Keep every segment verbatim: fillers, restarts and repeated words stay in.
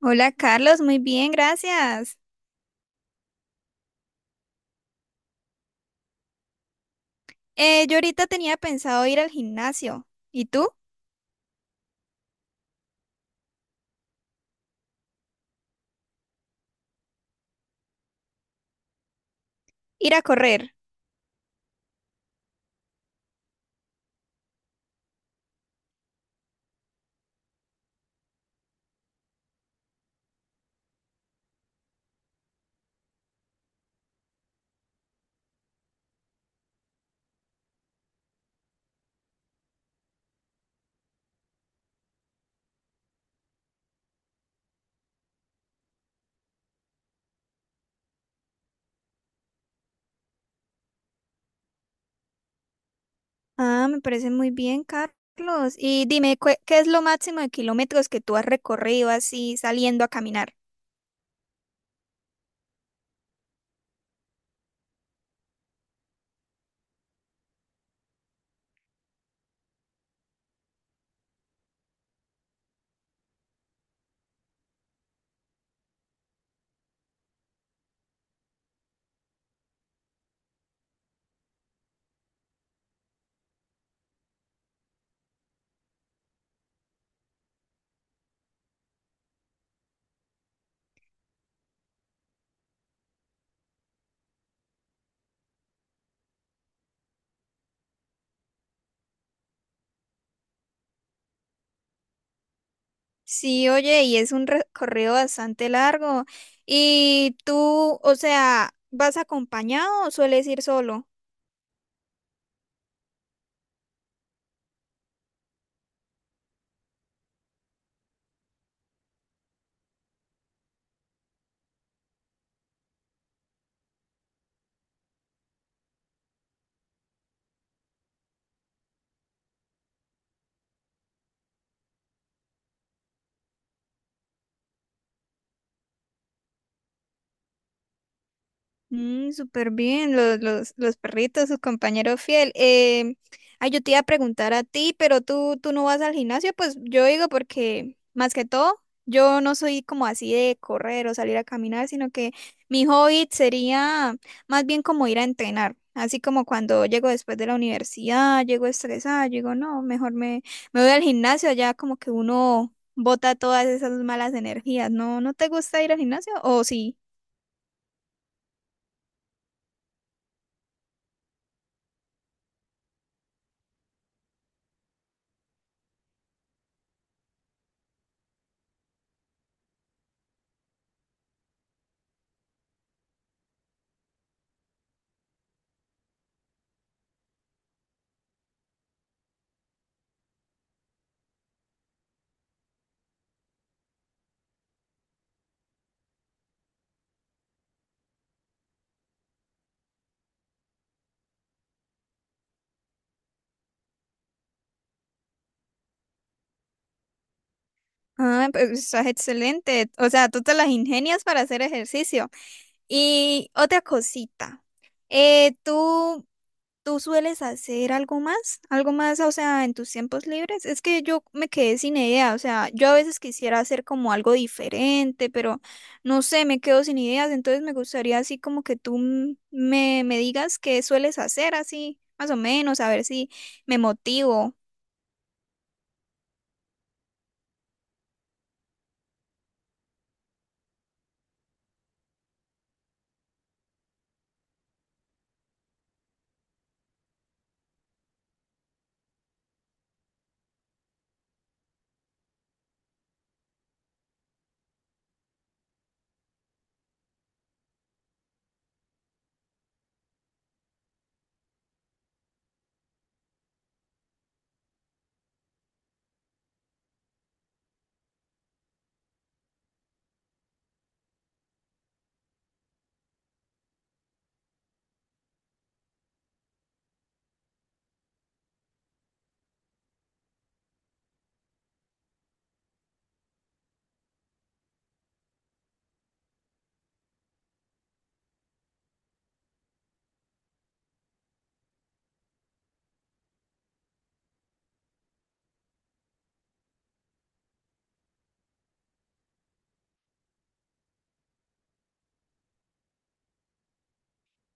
Hola Carlos, muy bien, gracias. Eh, yo ahorita tenía pensado ir al gimnasio. ¿Y tú? Ir a correr. Ah, me parece muy bien, Carlos. Y dime, ¿cu- ¿qué es lo máximo de kilómetros que tú has recorrido así saliendo a caminar? Sí, oye, y es un recorrido bastante largo. ¿Y tú, o sea, vas acompañado o sueles ir solo? Mm, súper bien, los, los, los perritos, su compañero fiel. Eh, ay, yo te iba a preguntar a ti, pero tú, tú no vas al gimnasio, pues yo digo porque más que todo, yo no soy como así de correr o salir a caminar, sino que mi hobby sería más bien como ir a entrenar, así como cuando llego después de la universidad, llego estresada, yo digo, no, mejor me, me voy al gimnasio, ya como que uno bota todas esas malas energías. ¿No, no te gusta ir al gimnasio o sí? Ah, pues estás excelente. O sea, tú te las ingenias para hacer ejercicio. Y otra cosita, eh, ¿tú, ¿tú sueles hacer algo más? ¿Algo más, o sea, en tus tiempos libres? Es que yo me quedé sin idea, o sea, yo a veces quisiera hacer como algo diferente, pero no sé, me quedo sin ideas, entonces me gustaría así como que tú m- me, me digas qué sueles hacer así, más o menos, a ver si me motivo.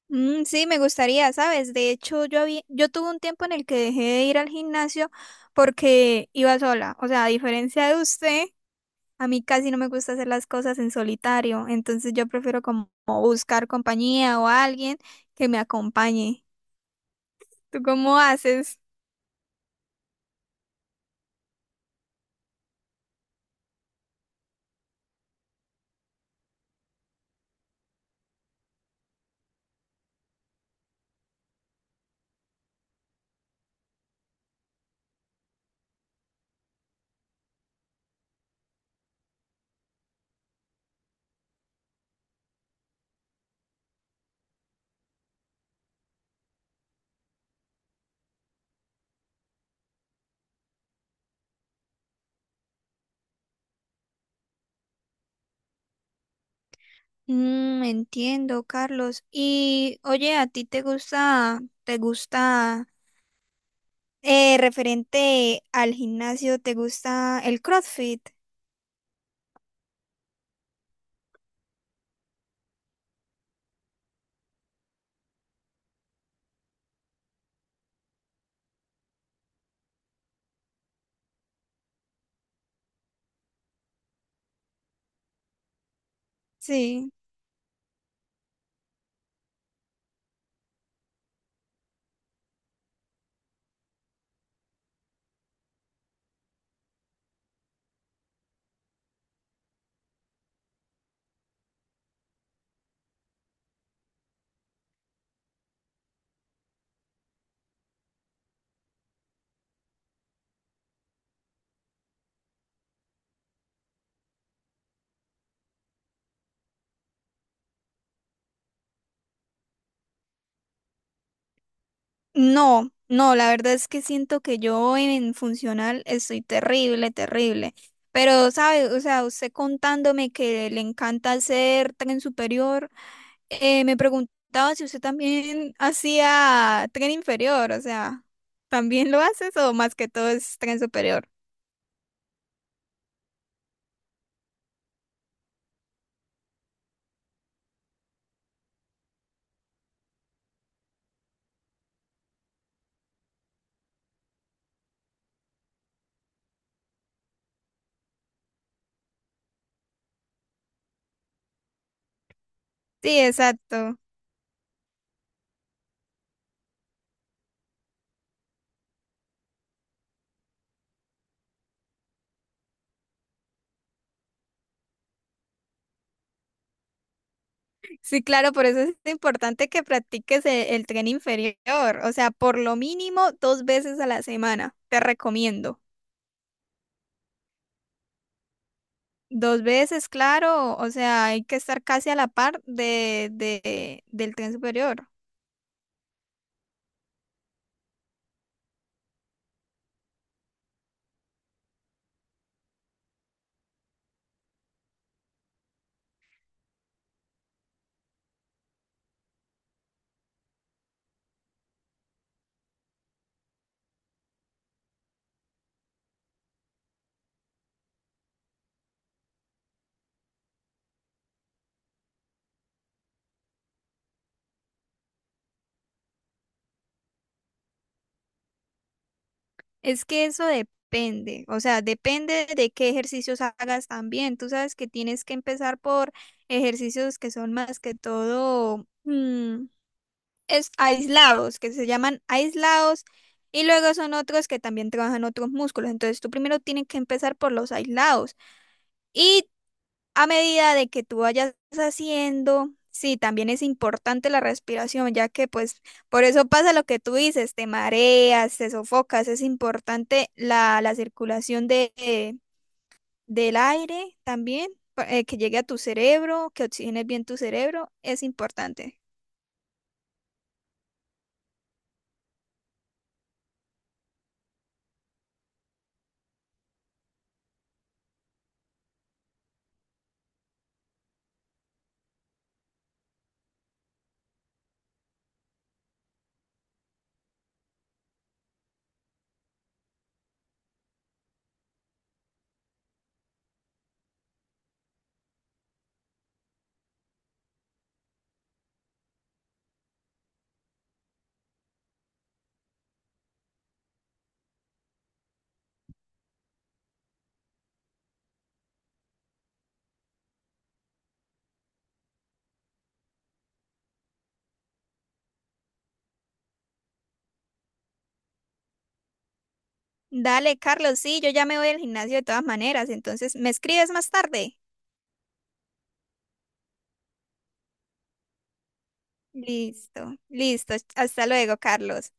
Mm, sí, me gustaría, ¿sabes? De hecho, yo había, yo tuve un tiempo en el que dejé de ir al gimnasio porque iba sola. O sea, a diferencia de usted, a mí casi no me gusta hacer las cosas en solitario. Entonces yo prefiero como buscar compañía o alguien que me acompañe. ¿Tú cómo haces? Mm, entiendo, Carlos. Y oye, ¿a ti te gusta, te gusta, eh, referente al gimnasio, te gusta el CrossFit? Sí. No, no, la verdad es que siento que yo en funcional estoy terrible, terrible. Pero, ¿sabe? O sea, usted contándome que le encanta hacer tren superior, eh, me preguntaba si usted también hacía tren inferior, o sea, ¿también lo haces o más que todo es tren superior? Sí, exacto. Sí, claro, por eso es importante que practiques e- el, tren inferior, o sea, por lo mínimo dos veces a la semana, te recomiendo. Dos veces, claro, o sea, hay que estar casi a la par de, de, del tren superior. Es que eso depende, o sea, depende de qué ejercicios hagas también. Tú sabes que tienes que empezar por ejercicios que son más que todo mm, es, aislados, que se llaman aislados, y luego son otros que también trabajan otros músculos. Entonces, tú primero tienes que empezar por los aislados. Y a medida de que tú vayas haciendo, sí, también es importante la respiración, ya que pues por eso pasa lo que tú dices, te mareas, te sofocas, es importante la, la circulación de, eh, del aire también, pa- eh, que llegue a tu cerebro, que oxigenes bien tu cerebro, es importante. Dale, Carlos, sí, yo ya me voy al gimnasio de todas maneras, entonces me escribes más tarde. Listo, listo, hasta luego, Carlos.